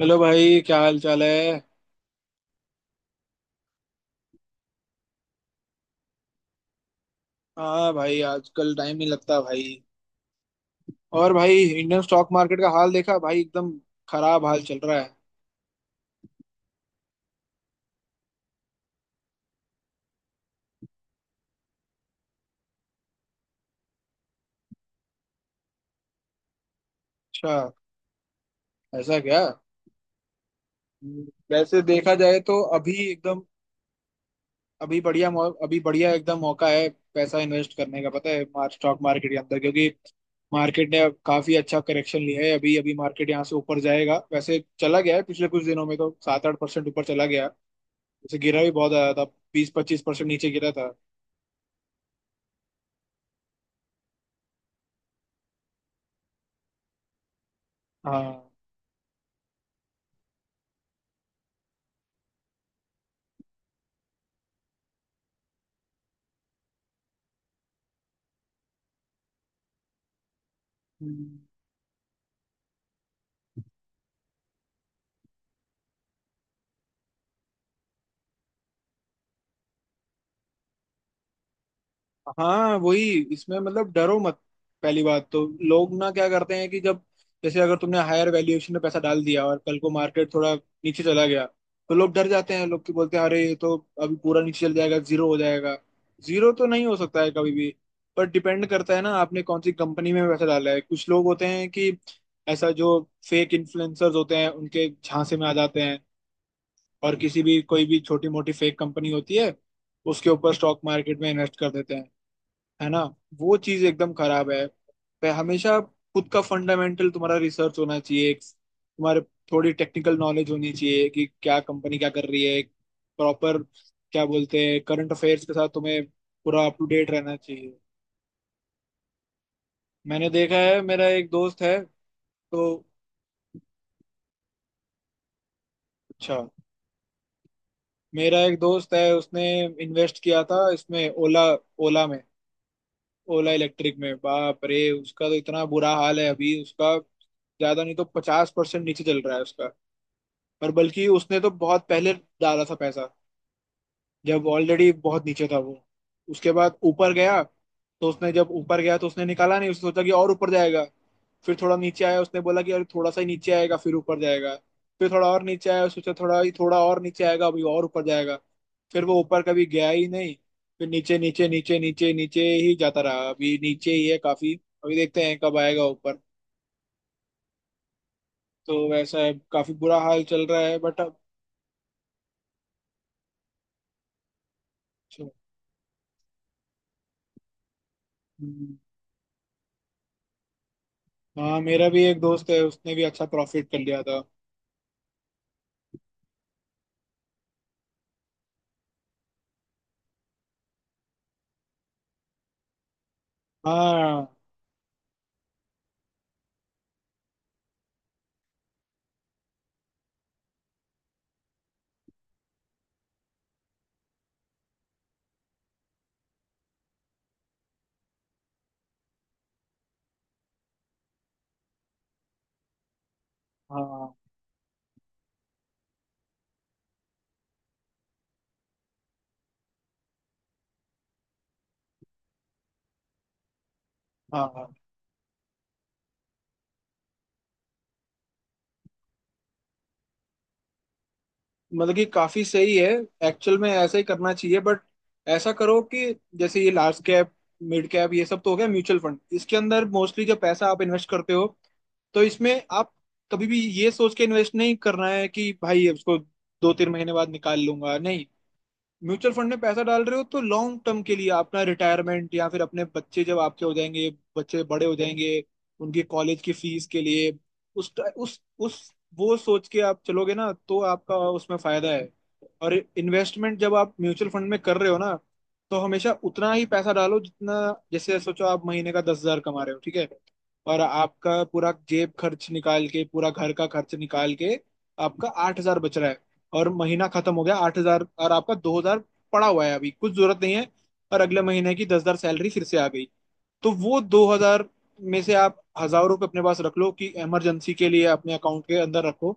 Hello भाई, क्या हाल चाल है। हाँ भाई, आजकल टाइम नहीं लगता भाई। और भाई, इंडियन स्टॉक मार्केट का हाल देखा भाई, एकदम खराब हाल चल रहा है। अच्छा, ऐसा क्या। हम्म, वैसे देखा जाए तो अभी एकदम अभी बढ़िया अभी बढ़िया एकदम मौका है पैसा इन्वेस्ट करने का, पता है स्टॉक मार्केट के अंदर, क्योंकि मार्केट ने काफी अच्छा करेक्शन लिया है। अभी अभी मार्केट यहाँ से ऊपर जाएगा, वैसे चला गया है। पिछले कुछ दिनों में तो 7-8% ऊपर चला गया। वैसे गिरा भी बहुत आया था, 20-25% नीचे गिरा था। हाँ। हम्म। हाँ वही, इसमें मतलब डरो मत। पहली बात तो लोग ना क्या करते हैं कि जब, जैसे अगर तुमने हायर वैल्यूएशन में पैसा डाल दिया और कल को मार्केट थोड़ा नीचे चला गया, तो लोग डर जाते हैं, लोग की बोलते हैं अरे ये तो अभी पूरा नीचे चल जाएगा, जीरो हो जाएगा। जीरो तो नहीं हो सकता है कभी भी। पर डिपेंड करता है ना, आपने कौन सी कंपनी में पैसा डाला है। कुछ लोग होते हैं कि ऐसा जो फेक इन्फ्लुएंसर्स होते हैं उनके झांसे में आ जाते हैं, और किसी भी कोई भी छोटी मोटी फेक कंपनी होती है उसके ऊपर स्टॉक मार्केट में इन्वेस्ट कर देते हैं, है ना। वो चीज एकदम खराब है। पे हमेशा खुद का फंडामेंटल तुम्हारा रिसर्च होना चाहिए, एक तुम्हारे थोड़ी टेक्निकल नॉलेज होनी चाहिए कि क्या कंपनी क्या कर रही है, प्रॉपर, क्या बोलते हैं, करंट अफेयर्स के साथ तुम्हें पूरा अप टू डेट रहना चाहिए। मैंने देखा है, मेरा एक दोस्त है। तो अच्छा, मेरा एक दोस्त है उसने इन्वेस्ट किया था इसमें ओला, ओला में, ओला इलेक्ट्रिक में। बाप रे, उसका तो इतना बुरा हाल है अभी उसका, ज्यादा नहीं तो 50% नीचे चल रहा है उसका। पर बल्कि उसने तो बहुत पहले डाला था पैसा, जब ऑलरेडी बहुत नीचे था वो। उसके बाद ऊपर गया, तो उसने जब ऊपर गया तो उसने निकाला नहीं, उसने सोचा कि और ऊपर जाएगा। फिर थोड़ा नीचे आया, उसने बोला कि अरे थोड़ा सा ही नीचे आएगा फिर ऊपर जाएगा। फिर थोड़ा और नीचे आया, सोचा थोड़ा ही थोड़ा और नीचे आएगा, अभी और ऊपर जाएगा। फिर वो ऊपर कभी गया ही नहीं। फिर नीचे नीचे नीचे नीचे नीचे ही जाता रहा, अभी नीचे ही है काफी। अभी देखते हैं कब आएगा ऊपर। तो वैसा है, काफी बुरा हाल चल रहा है बट, अब। हाँ, मेरा भी एक दोस्त है उसने भी अच्छा प्रॉफिट कर लिया था। हाँ, हाँ। हाँ, हाँ। मतलब कि काफी सही है, एक्चुअल में ऐसा ही करना चाहिए। बट ऐसा करो कि जैसे ये लार्ज कैप, मिड कैप, ये सब तो हो गया म्यूचुअल फंड। इसके अंदर मोस्टली जो पैसा आप इन्वेस्ट करते हो, तो इसमें आप कभी भी ये सोच के इन्वेस्ट नहीं करना है कि भाई उसको 2-3 महीने बाद निकाल लूंगा, नहीं। म्यूचुअल फंड में पैसा डाल रहे हो तो लॉन्ग टर्म के लिए, अपना रिटायरमेंट, या फिर अपने बच्चे जब आपके हो जाएंगे, बच्चे बड़े हो जाएंगे, उनके कॉलेज की फीस के लिए, उस उस वो सोच के आप चलोगे ना तो आपका उसमें फायदा है। और इन्वेस्टमेंट जब आप म्यूचुअल फंड में कर रहे हो ना, तो हमेशा उतना ही पैसा डालो जितना, जैसे सोचो आप महीने का 10,000 कमा रहे हो, ठीक है, और आपका पूरा जेब खर्च निकाल के, पूरा घर का खर्च निकाल के आपका 8,000 बच रहा है। और महीना खत्म हो गया, 8,000 और आपका 2,000 पड़ा हुआ है, अभी कुछ जरूरत नहीं है। और अगले महीने की 10,000 सैलरी फिर से आ गई, तो वो 2,000 में से आप 1,000 रुपये अपने पास रख लो कि इमरजेंसी के लिए अपने अकाउंट के अंदर रखो,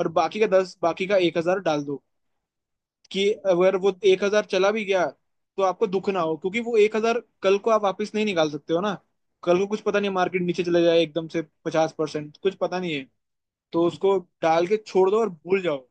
और बाकी का दस, बाकी का 1,000 डाल दो कि अगर वो 1,000 चला भी गया तो आपको दुख ना हो, क्योंकि वो 1,000 कल को आप वापस नहीं निकाल सकते हो ना। कल को कुछ पता नहीं, मार्केट नीचे चले जाए एकदम से 50%, कुछ पता नहीं है। तो उसको डाल के छोड़ दो और भूल जाओ।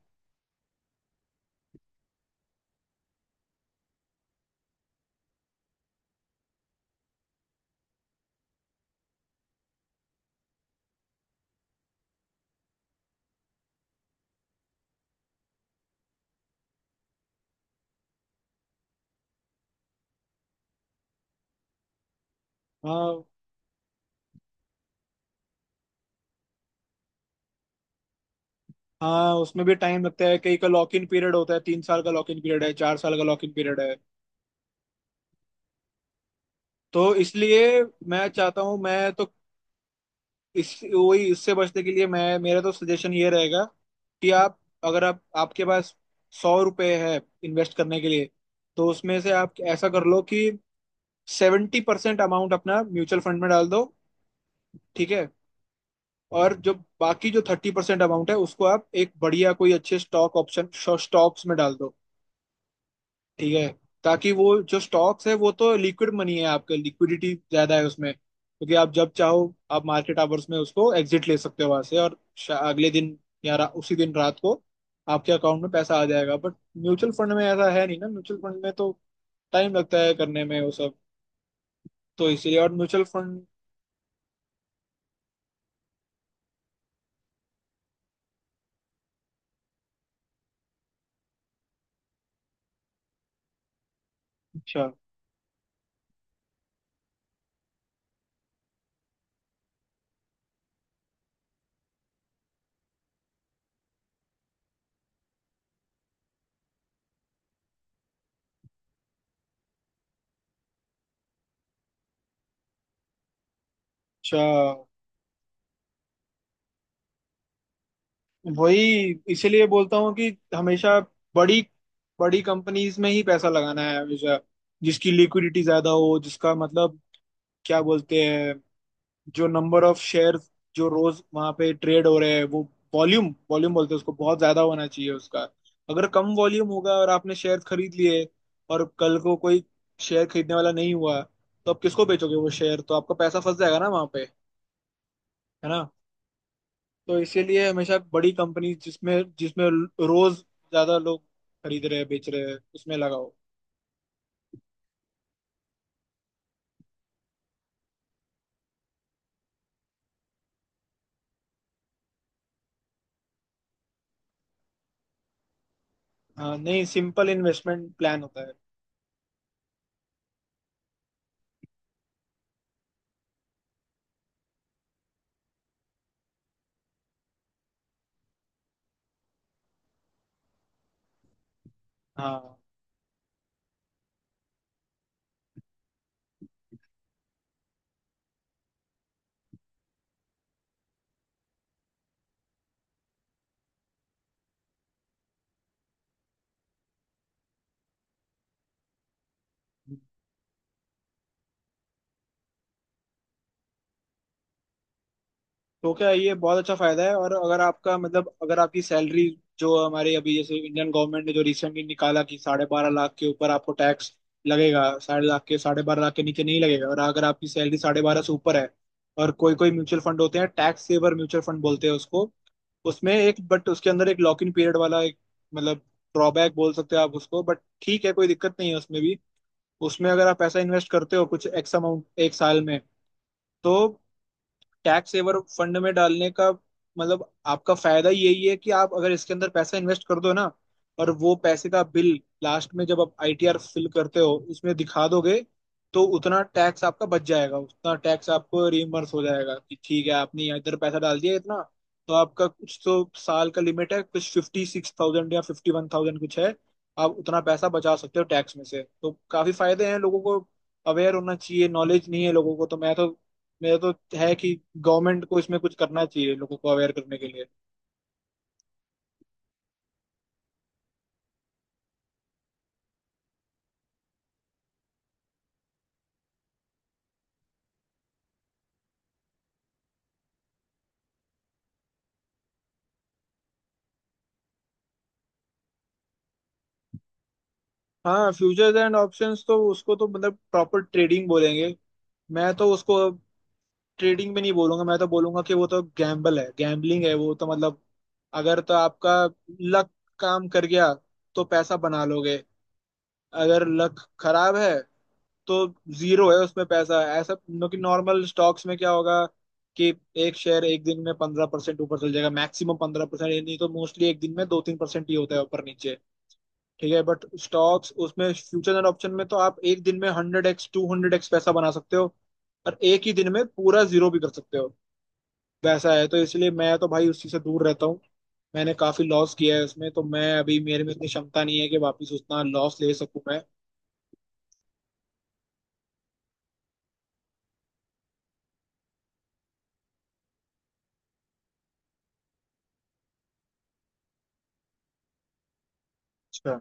हाँ। हाँ, उसमें भी टाइम लगता है, कई का लॉक इन पीरियड होता है, 3 साल का लॉक इन पीरियड है, 4 साल का लॉक इन पीरियड है। तो इसलिए, मैं चाहता हूँ, मैं तो इस, वही इससे बचने के लिए मैं, मेरा तो सजेशन ये रहेगा कि आप, अगर आप, आपके पास 100 रुपये है इन्वेस्ट करने के लिए, तो उसमें से आप ऐसा कर लो कि 70% अमाउंट अपना म्यूचुअल फंड में डाल दो, ठीक है, और जो बाकी, जो 30% अमाउंट है, उसको आप एक बढ़िया कोई अच्छे स्टॉक ऑप्शन, स्टॉक्स में डाल दो, ठीक है। ताकि वो जो स्टॉक्स है वो तो लिक्विड मनी है आपका, लिक्विडिटी ज्यादा है उसमें, क्योंकि आप जब चाहो आप मार्केट आवर्स में उसको एग्जिट ले सकते हो वहां से, और अगले दिन या उसी दिन रात को आपके अकाउंट में पैसा आ जाएगा। बट म्यूचुअल फंड में ऐसा है नहीं ना, म्यूचुअल फंड में तो टाइम लगता है करने में वो सब। तो इसीलिए, और म्यूचुअल फंड। अच्छा, अच्छा, वही इसीलिए बोलता हूँ कि हमेशा बड़ी बड़ी कंपनीज में ही पैसा लगाना है हमेशा, जिसकी लिक्विडिटी ज्यादा हो, जिसका मतलब, क्या बोलते हैं, जो नंबर ऑफ शेयर्स जो रोज वहां पे ट्रेड हो रहे हैं वो, वॉल्यूम, वॉल्यूम बोलते हैं उसको, बहुत ज्यादा होना चाहिए उसका। अगर कम वॉल्यूम होगा और आपने शेयर खरीद लिए, और कल को कोई शेयर खरीदने वाला नहीं हुआ तो आप किसको बेचोगे वो शेयर, तो आपका पैसा फंस जाएगा ना वहां पे, है ना। तो इसीलिए हमेशा बड़ी कंपनी जिसमें जिसमें रोज ज्यादा लोग खरीद रहे हैं बेच रहे हैं उसमें लगाओ। हाँ नहीं, सिंपल इन्वेस्टमेंट प्लान होता है। हाँ, तो क्या, ये बहुत अच्छा फायदा है। और अगर आपका, मतलब अगर आपकी सैलरी, जो हमारे अभी, जैसे इंडियन गवर्नमेंट ने जो रिसेंटली निकाला कि 12.5 लाख के ऊपर आपको टैक्स लगेगा, साढ़े लाख के, 12.5 लाख के नीचे नहीं लगेगा, और अगर आपकी सैलरी साढ़े बारह से ऊपर है, और कोई कोई म्यूचुअल फंड होते हैं, टैक्स सेवर म्यूचुअल फंड बोलते हैं उसको, उसमें एक बट, उसके अंदर एक लॉक इन पीरियड वाला एक, मतलब, ड्रॉबैक बोल सकते हैं आप उसको, बट ठीक है, कोई दिक्कत नहीं है उसमें भी। उसमें अगर आप पैसा इन्वेस्ट करते हो कुछ एक्स अमाउंट 1 साल में, तो टैक्स सेवर फंड में डालने का मतलब, आपका फायदा यही है कि आप अगर इसके अंदर पैसा इन्वेस्ट कर दो ना, और वो पैसे का बिल लास्ट में जब आप आईटीआर फिल करते हो उसमें दिखा दोगे, तो उतना टैक्स आपका बच जाएगा, उतना टैक्स आपको रिइम्बर्स हो जाएगा कि ठीक है, आपने इधर पैसा डाल दिया इतना। तो आपका कुछ तो साल का लिमिट है, कुछ 56,000 या 51,000 कुछ है, आप उतना पैसा बचा सकते हो टैक्स में से, तो काफी फायदे हैं। लोगों को अवेयर होना चाहिए, नॉलेज नहीं है लोगों को। तो मैं तो, मेरा तो है कि गवर्नमेंट को इसमें कुछ करना चाहिए लोगों को अवेयर करने के लिए। हाँ फ्यूचर्स एंड ऑप्शंस, तो उसको तो मतलब प्रॉपर ट्रेडिंग बोलेंगे। मैं तो उसको ट्रेडिंग में नहीं बोलूंगा, मैं तो बोलूंगा कि वो तो गैम्बल है, गैम्बलिंग है वो तो, मतलब अगर तो आपका लक काम कर गया तो पैसा बना लोगे, अगर लक खराब है तो जीरो है उसमें पैसा। ऐसा नो कि नॉर्मल स्टॉक्स में क्या होगा कि एक शेयर 1 दिन में 15% ऊपर चल जाएगा मैक्सिमम 15%, नहीं तो मोस्टली 1 दिन में 2-3% ही होता है ऊपर नीचे, ठीक है। बट स्टॉक्स, उसमें फ्यूचर एंड ऑप्शन में तो आप 1 दिन में 100x to 200x पैसा बना सकते हो, और एक ही दिन में पूरा जीरो भी कर सकते हो। वैसा है, तो इसलिए मैं तो भाई उसी से दूर रहता हूँ। मैंने काफी लॉस किया है उसमें, तो मैं अभी, मेरे में इतनी क्षमता नहीं है कि वापस उतना लॉस ले सकूं। मैं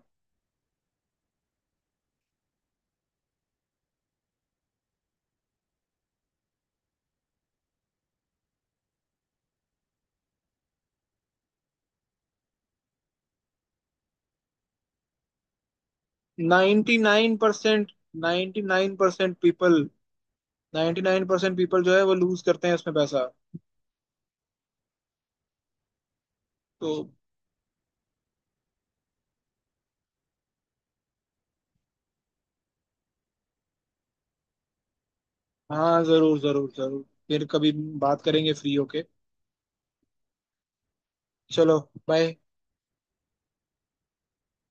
ninety nine percent ninety nine percent people ninety nine percent people जो है वो लूज करते हैं इसमें पैसा। तो हाँ, जरूर जरूर जरूर, फिर कभी बात करेंगे फ्री होके। चलो, बाय।